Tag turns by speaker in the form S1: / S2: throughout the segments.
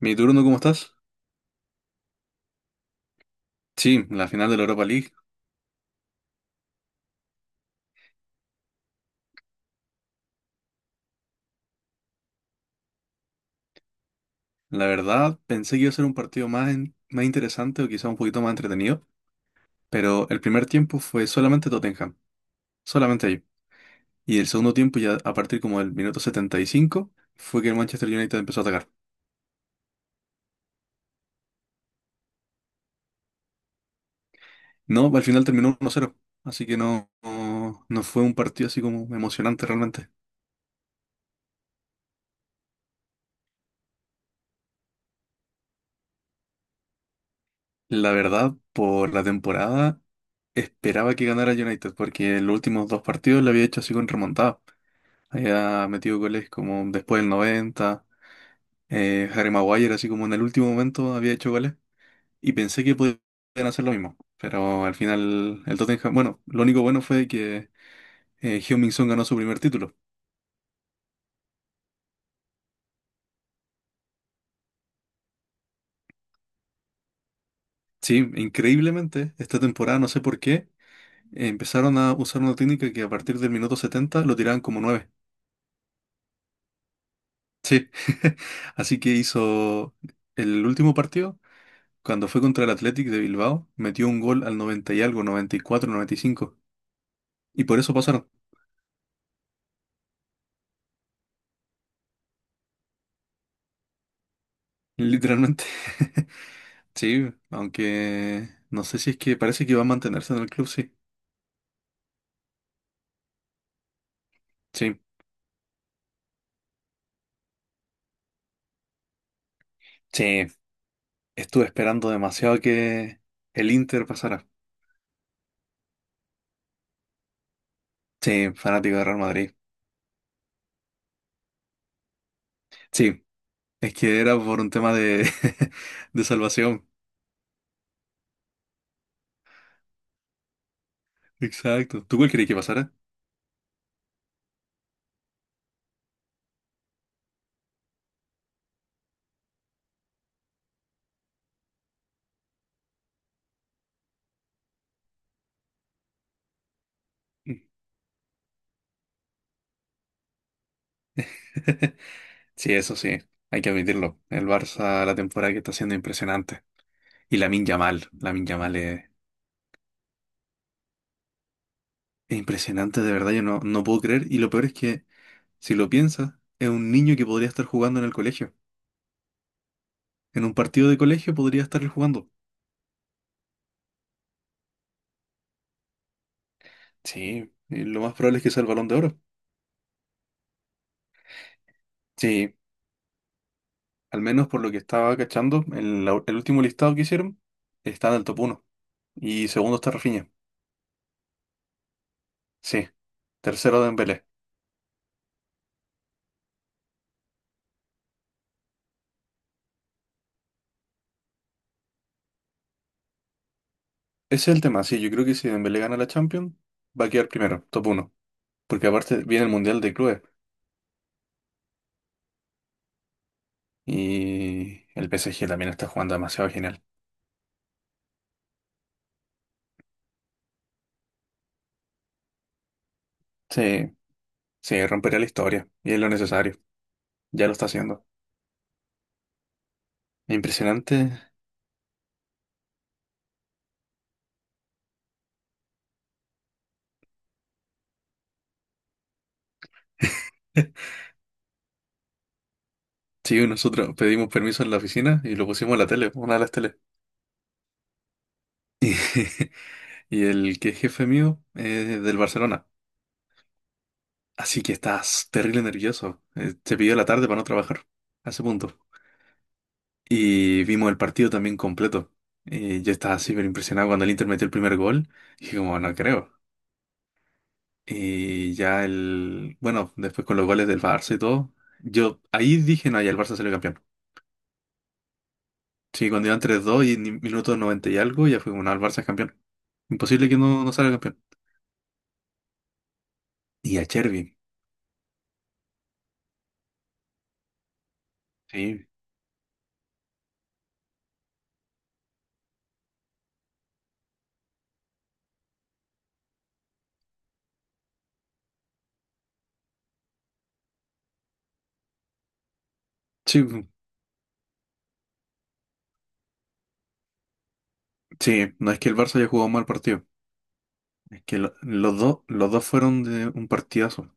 S1: Mi turno, ¿cómo estás? Sí, la final de la Europa League. La verdad, pensé que iba a ser un partido más, más interesante o quizá un poquito más entretenido, pero el primer tiempo fue solamente Tottenham, solamente ahí. Y el segundo tiempo, ya a partir como del minuto 75, fue que el Manchester United empezó a atacar. No, al final terminó 1 cero, así que no, no, no fue un partido así como emocionante realmente. La verdad, por la temporada, esperaba que ganara el United, porque en los últimos dos partidos le había hecho así con remontada. Había metido goles como después del 90. Harry Maguire, así como en el último momento, había hecho goles. Y pensé que podían hacer lo mismo. Pero al final, el Tottenham. Bueno, lo único bueno fue que Heung-min Son ganó su primer título. Sí, increíblemente, esta temporada, no sé por qué, empezaron a usar una técnica que a partir del minuto 70 lo tiraban como nueve. Sí. Así que hizo el último partido. Cuando fue contra el Athletic de Bilbao, metió un gol al 90 y algo, 94, 95. Y por eso pasaron, literalmente. Sí, aunque no sé si es que parece que va a mantenerse en el club, sí. Sí, sí. Estuve esperando demasiado que el Inter pasara. Sí, fanático de Real Madrid. Sí, es que era por un tema de, de salvación. Exacto. ¿Tú cuál crees que pasara? Sí, eso sí, hay que admitirlo. El Barça, la temporada que está haciendo es impresionante. Y Lamine Yamal, Lamine Yamal es impresionante, de verdad, yo no, no puedo creer. Y lo peor es que si lo piensas, es un niño que podría estar jugando en el colegio. En un partido de colegio podría estar él jugando. Sí, y lo más probable es que sea el Balón de Oro. Sí, al menos por lo que estaba cachando, en el último listado que hicieron, está en el top uno. Y segundo está Rafinha. Sí, tercero Dembélé. Ese es el tema, sí, yo creo que si Dembélé gana la Champions, va a quedar primero, top uno. Porque aparte viene el Mundial de Clubes y el PSG también está jugando demasiado genial. Sí, sí, rompería la historia y es lo necesario. Ya lo está haciendo. Impresionante. Sí, nosotros pedimos permiso en la oficina y lo pusimos en la tele, una de las teles. Y, y el que es jefe mío es del Barcelona. Así que estás terrible nervioso. Te pidió la tarde para no trabajar, a ese punto. Y vimos el partido también completo. Y yo estaba súper impresionado cuando el Inter metió el primer gol. Y dije como, no creo. Y ya el... Bueno, después con los goles del Barça y todo. Yo ahí dije, no, ya el Barça salió campeón. Sí, cuando iban 3-2 y minutos 90 y algo, ya fue como, no, el Barça es campeón. Imposible que no, no salga campeón. Y a Chervi, sí. Sí, sí, no es que el Barça haya jugado mal partido, es que los dos fueron de un partidazo.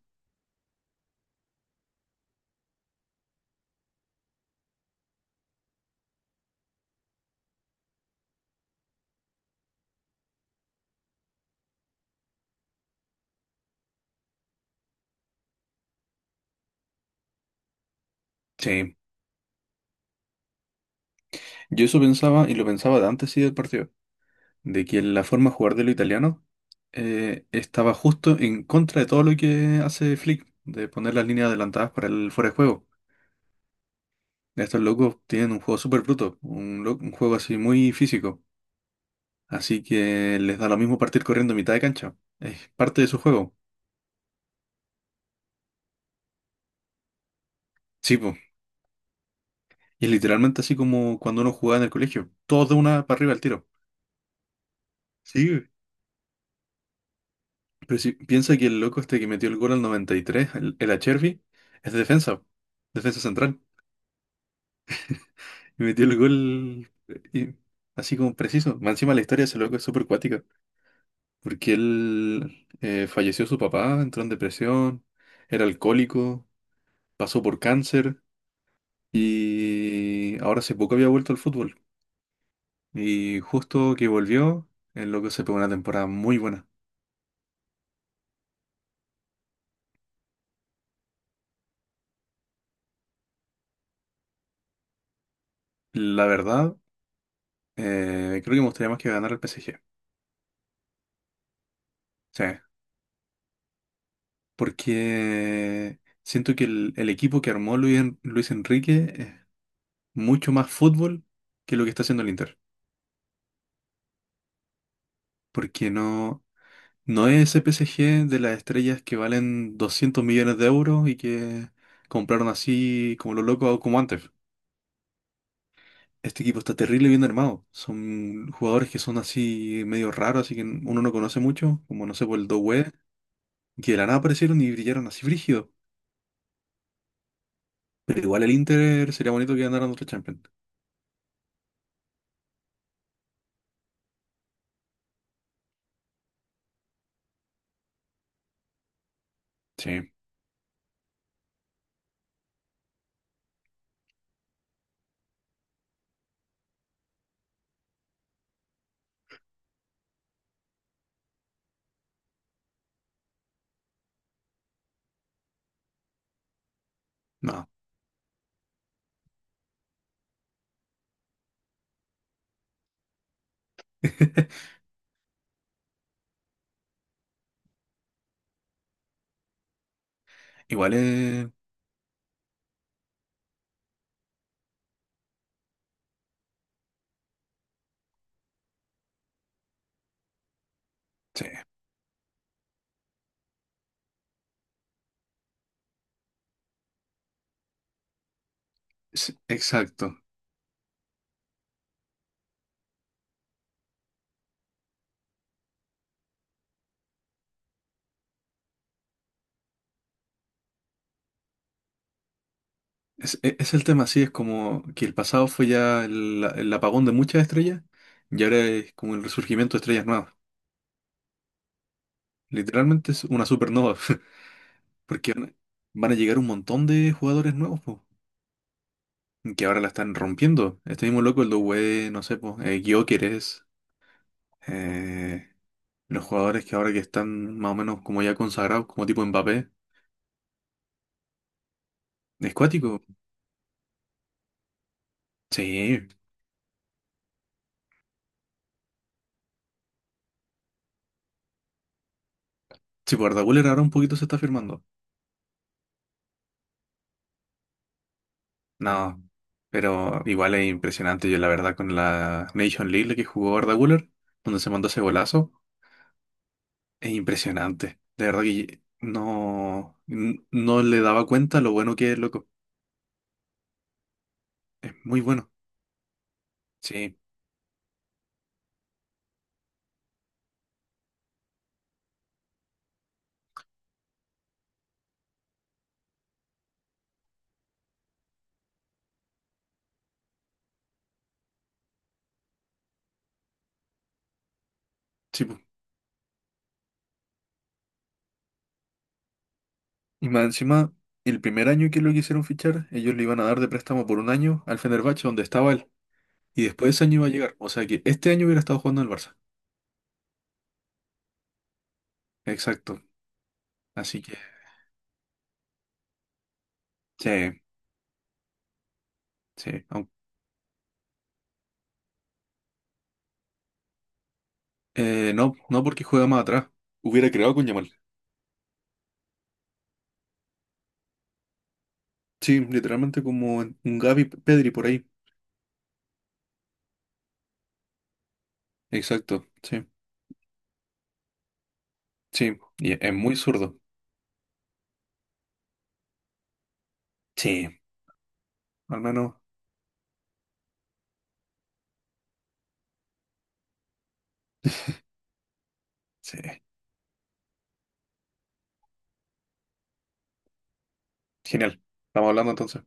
S1: Sí, yo eso pensaba, y lo pensaba de antes sí del partido, de que la forma de jugar de los italianos estaba justo en contra de todo lo que hace Flick, de poner las líneas adelantadas para el fuera de juego. Estos locos tienen un juego súper bruto, un juego así muy físico. Así que les da lo mismo partir corriendo a mitad de cancha. Es parte de su juego. Sí, po. Y es literalmente así como cuando uno jugaba en el colegio. Todos de una para arriba al tiro. Sí. Pero si piensa que el loco este que metió el gol al 93, el Achervi, es de defensa. Defensa central. Y metió el gol así como preciso. Más encima la historia de ese loco es súper cuática. Porque él falleció su papá, entró en depresión, era alcohólico, pasó por cáncer y ahora hace poco había vuelto al fútbol. Y justo que volvió, el loco se pegó una temporada muy buena. La verdad, creo que me gustaría más que ganara el PSG. Sí, porque siento que el equipo que armó Luis Enrique es mucho más fútbol que lo que está haciendo el Inter. Porque no, no es ese PSG de las estrellas que valen 200 millones de euros y que compraron así como los locos o como antes. Este equipo está terrible bien armado. Son jugadores que son así medio raros, así que uno no conoce mucho, como no sé, por el Doué, que de la nada aparecieron y brillaron así frígido. Pero igual el Inter sería bonito que ganaran otro Champions. Sí, no. Igual es... Sí, es- exacto. Es el tema, sí, es como que el pasado fue ya el apagón de muchas estrellas y ahora es como el resurgimiento de estrellas nuevas. Literalmente es una supernova. Porque van a llegar un montón de jugadores nuevos, po. Que ahora la están rompiendo. Este mismo loco, el Doué, no sé, pues, Gyökeres, eh, los jugadores que ahora que están más o menos como ya consagrados, como tipo Mbappé. ¿Es cuático? Sí, sí, por Guller ahora un poquito se está firmando. No, pero igual es impresionante, yo la verdad, con la Nation League la que jugó Arda Güler, donde se mandó ese golazo, es impresionante. De verdad que no, no le daba cuenta lo bueno que es, loco. Es muy bueno. Sí, sí, pues. Y más encima, el primer año que lo quisieron fichar, ellos le iban a dar de préstamo por un año al Fenerbahce, donde estaba él. Y después de ese año iba a llegar. O sea que este año hubiera estado jugando en el Barça. Exacto. Así que, sí, sí. No, no porque juega más atrás. Hubiera creado con Yamal. Sí, literalmente como un Gavi Pedri por ahí. Exacto, sí, sí. Y es muy zurdo. Sí, al menos, sí. Genial. Estamos hablando entonces.